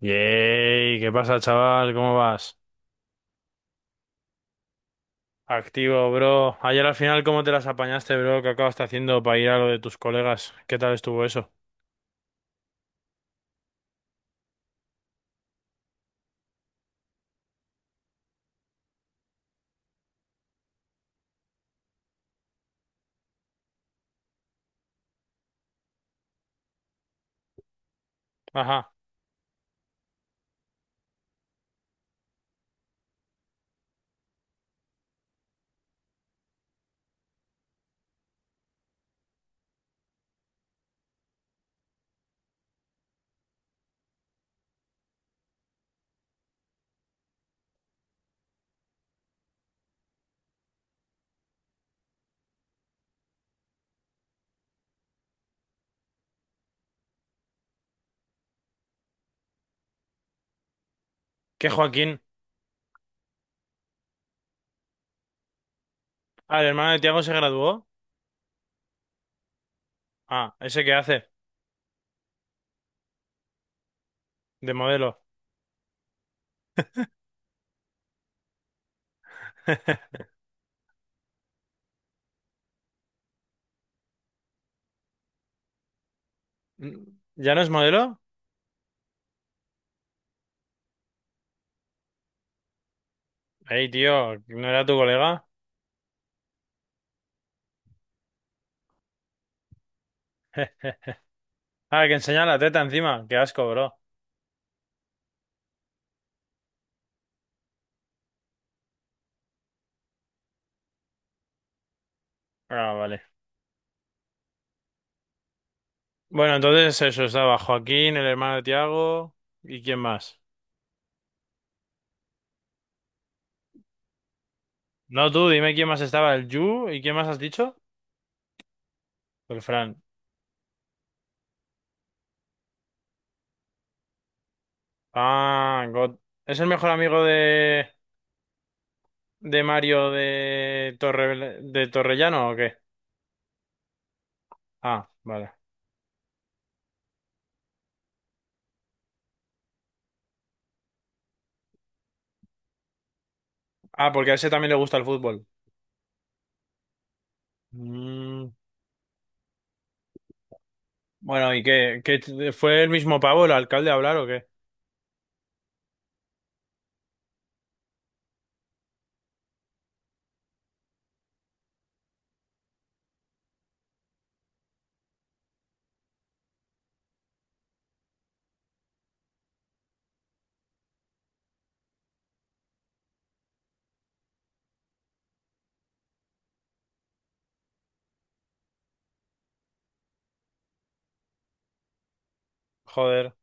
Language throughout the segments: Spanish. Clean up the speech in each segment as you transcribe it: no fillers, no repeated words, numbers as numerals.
Yey, ¿qué pasa, chaval? ¿Cómo vas? Activo, bro. Ayer al final, ¿cómo te las apañaste, bro? ¿Qué acabaste haciendo para ir a lo de tus colegas? ¿Qué tal estuvo eso? Ajá. ¿Qué Joaquín? Ah, ¿el hermano de Tiago se graduó? Ah, ¿ese qué hace? De modelo. Mm, ¿ya no es modelo? Ey, tío, ¿no era tu colega? Ah, que enseña la teta encima. Qué asco, bro. Ah, vale. Bueno, entonces eso, estaba Joaquín, el hermano de Tiago. ¿Y quién más? No tú, dime quién más estaba, el Yu. ¿Y quién más has dicho? El Fran. Ah, God. ¿Es el mejor amigo de Mario de Torre, de Torrellano o qué? Ah, vale. Ah, porque a ese también le gusta el fútbol. Mm, bueno, ¿y qué, fue el mismo pavo el alcalde a hablar o qué? Joder.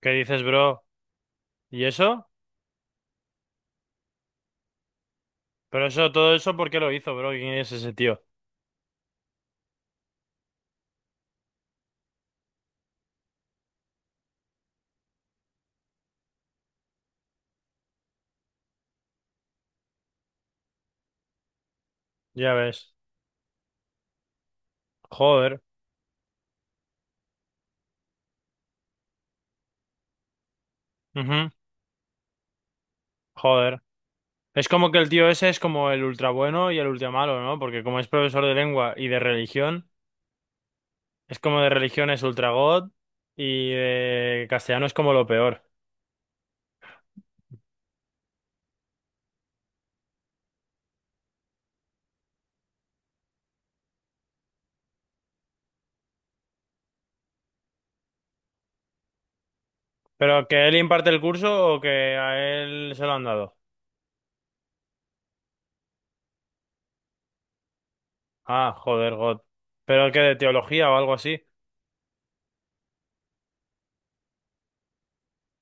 ¿Qué dices, bro? ¿Y eso? Pero eso, todo eso, ¿por qué lo hizo, bro? ¿Quién es ese tío? Ya ves. Joder. Ujú. Joder. Es como que el tío ese es como el ultra bueno y el ultra malo, ¿no? Porque como es profesor de lengua y de religión. Es como, de religión es Ultragod y de castellano es como lo peor. ¿Pero que él imparte el curso o que a él se lo han dado? Ah, joder, God. ¿Pero que de teología o algo así?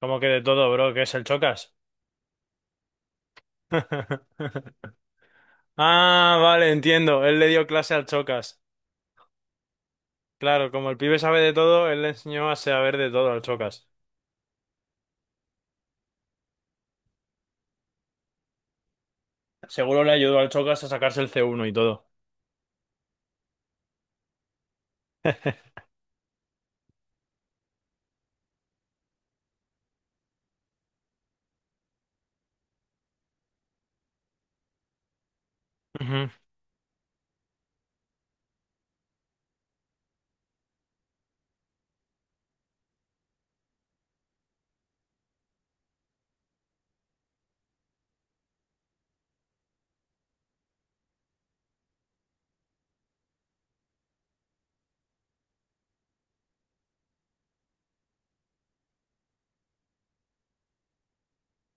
¿Como que de todo, bro, que es el Chocas? Ah, vale, entiendo. Él le dio clase al Chocas. Claro, como el pibe sabe de todo, él le enseñó a saber de todo al Chocas. Seguro le ayudó al Chocas a sacarse el C1 y todo. Ujú.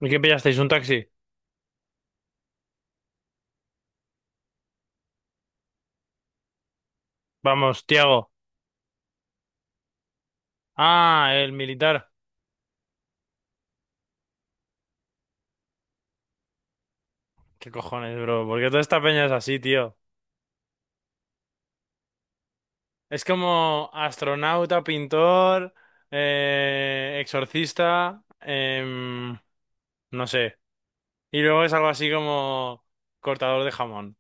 ¿Y qué pillasteis? ¿Un taxi? Vamos, Tiago. Ah, el militar. ¿Qué cojones, bro? ¿Por qué toda esta peña es así, tío? Es como astronauta, pintor, exorcista, no sé. Y luego es algo así como cortador de jamón.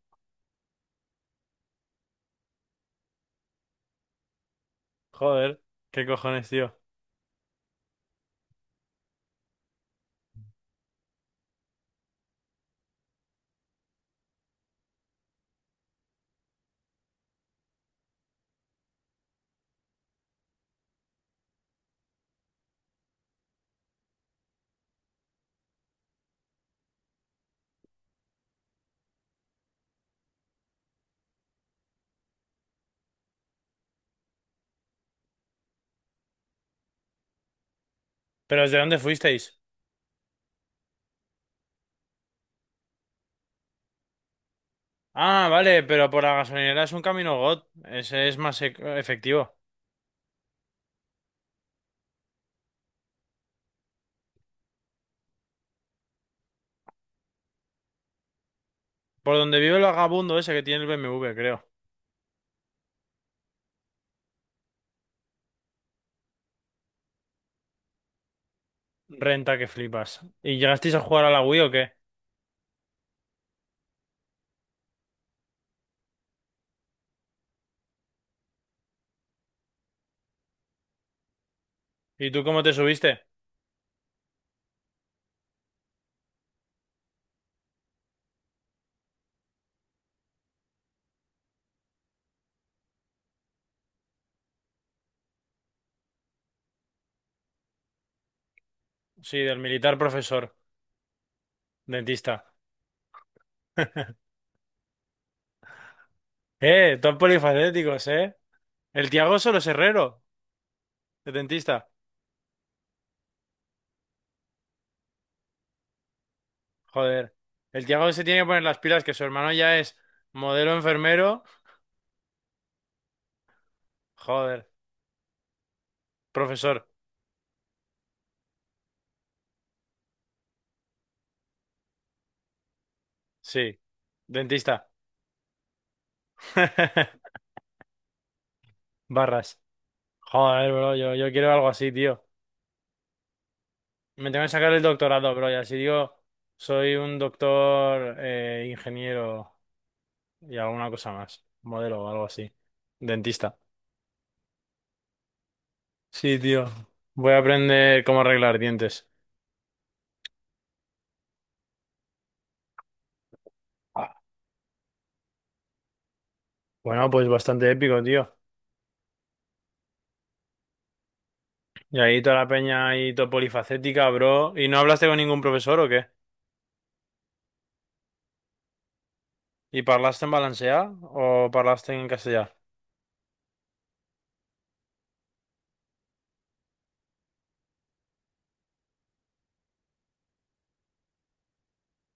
Joder, ¿qué cojones, tío? ¿Pero desde dónde fuisteis? Ah, vale, pero por la gasolinera es un camino God. Ese es más efectivo. Por donde vive el vagabundo ese que tiene el BMW, creo. Renta que flipas. ¿Y llegasteis a jugar a la Wii o qué? ¿Y tú cómo te subiste? Sí, del militar profesor. Dentista. Todos polifacéticos, ¿eh? El Tiago solo es herrero, de dentista. Joder. El Tiago se tiene que poner las pilas, que su hermano ya es modelo enfermero. Joder. Profesor. Sí. Dentista. Barras. Joder, bro, yo quiero algo así, tío. Me tengo que sacar el doctorado, bro, y así digo, soy un doctor, ingeniero y alguna cosa más. Modelo o algo así. Dentista. Sí, tío. Voy a aprender cómo arreglar dientes. Ah, bueno, pues bastante épico, tío. Y ahí toda la peña ahí todo polifacética, bro. ¿Y no hablaste con ningún profesor o qué? ¿Y parlaste en valencià o parlaste en castellano?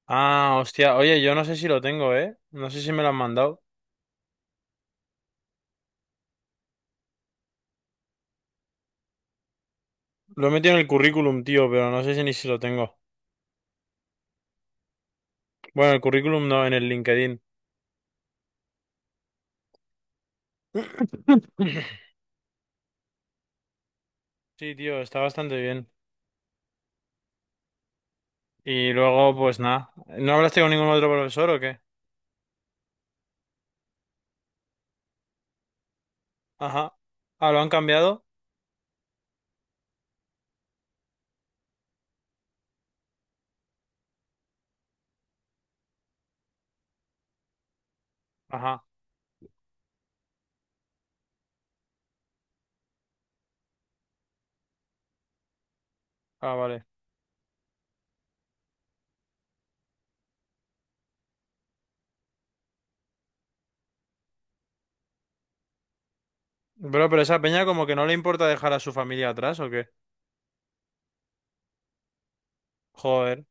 Ah, hostia. Oye, yo no sé si lo tengo, ¿eh? No sé si me lo han mandado. Lo he metido en el currículum, tío, pero no sé si ni si lo tengo. Bueno, el currículum no, en el LinkedIn. Sí, tío, está bastante bien. Y luego, pues nada. ¿No hablaste con ningún otro profesor o qué? Ajá. Ah, ¿lo han cambiado? Ajá. Ah, vale. Bro, pero esa peña como que no le importa dejar a su familia atrás, ¿o qué? Joder.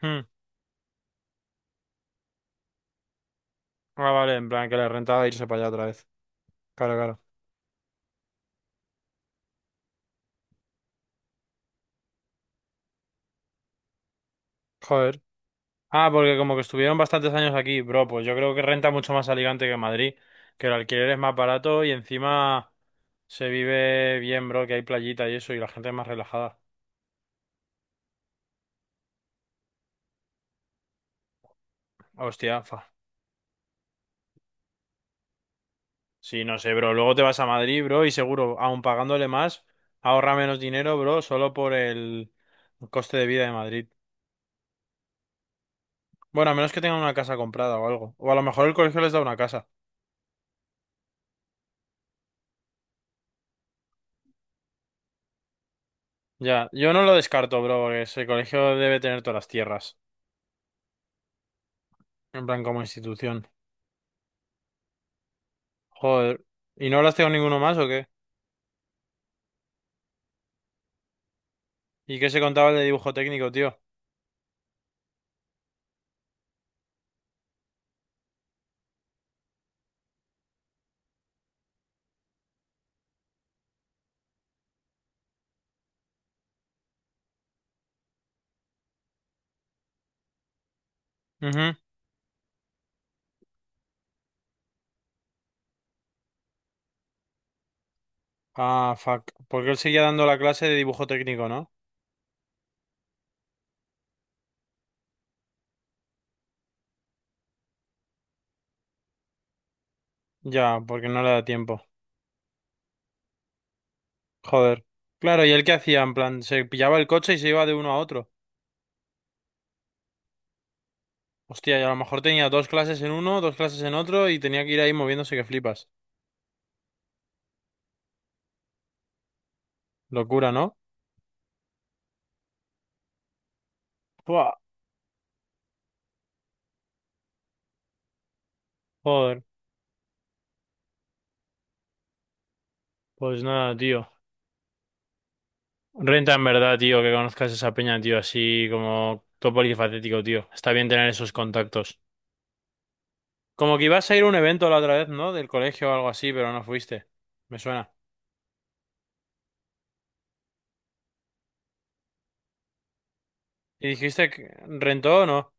Hmm. Ah, vale, en plan que le rentaba irse para allá otra vez. Claro, claro. Joder. Ah, porque como que estuvieron bastantes años aquí, bro, pues yo creo que renta mucho más Alicante que Madrid, que el alquiler es más barato y encima se vive bien, bro, que hay playita y eso y la gente es más relajada. Hostia, fa. Sí, no sé, bro. Luego te vas a Madrid, bro, y seguro, aun pagándole más, ahorra menos dinero, bro, solo por el coste de vida de Madrid. Bueno, a menos que tengan una casa comprada o algo. O a lo mejor el colegio les da una casa. Ya, yo no lo descarto, bro, porque ese colegio debe tener todas las tierras, en plan como institución. Joder, ¿y no hablaste con ninguno más o qué? ¿Y qué se contaba el de dibujo técnico, tío? Ujú. Ah, fuck, porque él seguía dando la clase de dibujo técnico, ¿no? Ya, porque no le da tiempo. Joder. Claro, ¿y él qué hacía? En plan, se pillaba el coche y se iba de uno a otro. Hostia, y a lo mejor tenía dos clases en uno, dos clases en otro y tenía que ir ahí moviéndose que flipas. Locura, ¿no? Buah, joder, pues nada, tío. Renta en verdad, tío, que conozcas esa peña, tío, así como todo polifacético, tío. Está bien tener esos contactos. Como que ibas a ir a un evento la otra vez, ¿no? Del colegio o algo así, pero no fuiste. Me suena. ¿Y dijiste que rentó o no?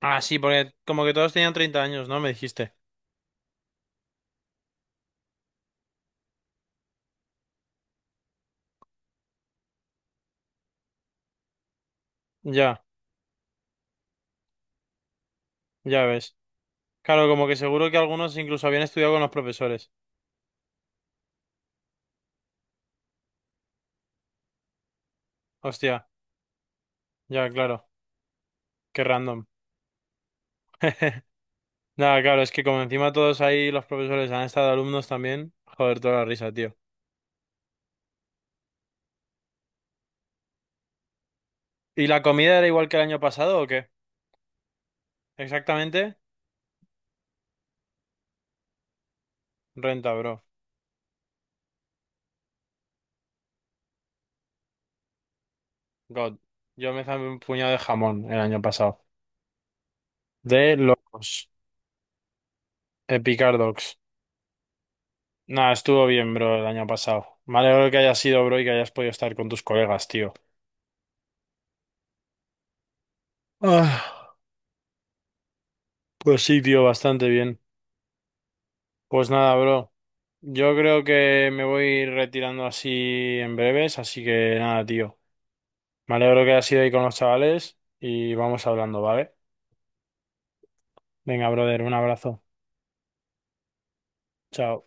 Ah, sí, porque como que todos tenían 30 años, ¿no? Me dijiste. Ya, ya ves. Claro, como que seguro que algunos incluso habían estudiado con los profesores. Hostia, ya, claro. Qué random. Nada, claro, es que como encima todos ahí los profesores han estado alumnos también. Joder, toda la risa, tío. ¿Y la comida era igual que el año pasado o qué? Exactamente, renta, bro. God. Yo me zamé un puñado de jamón el año pasado. De locos. Epicardox. Nah, estuvo bien, bro, el año pasado. Me alegro que hayas sido, bro, y que hayas podido estar con tus colegas, tío. Ah, pues sí, tío, bastante bien. Pues nada, bro. Yo creo que me voy retirando así en breves, así que nada, tío. Me alegro que hayas ido ahí con los chavales y vamos hablando, ¿vale? Venga, brother, un abrazo. Chao.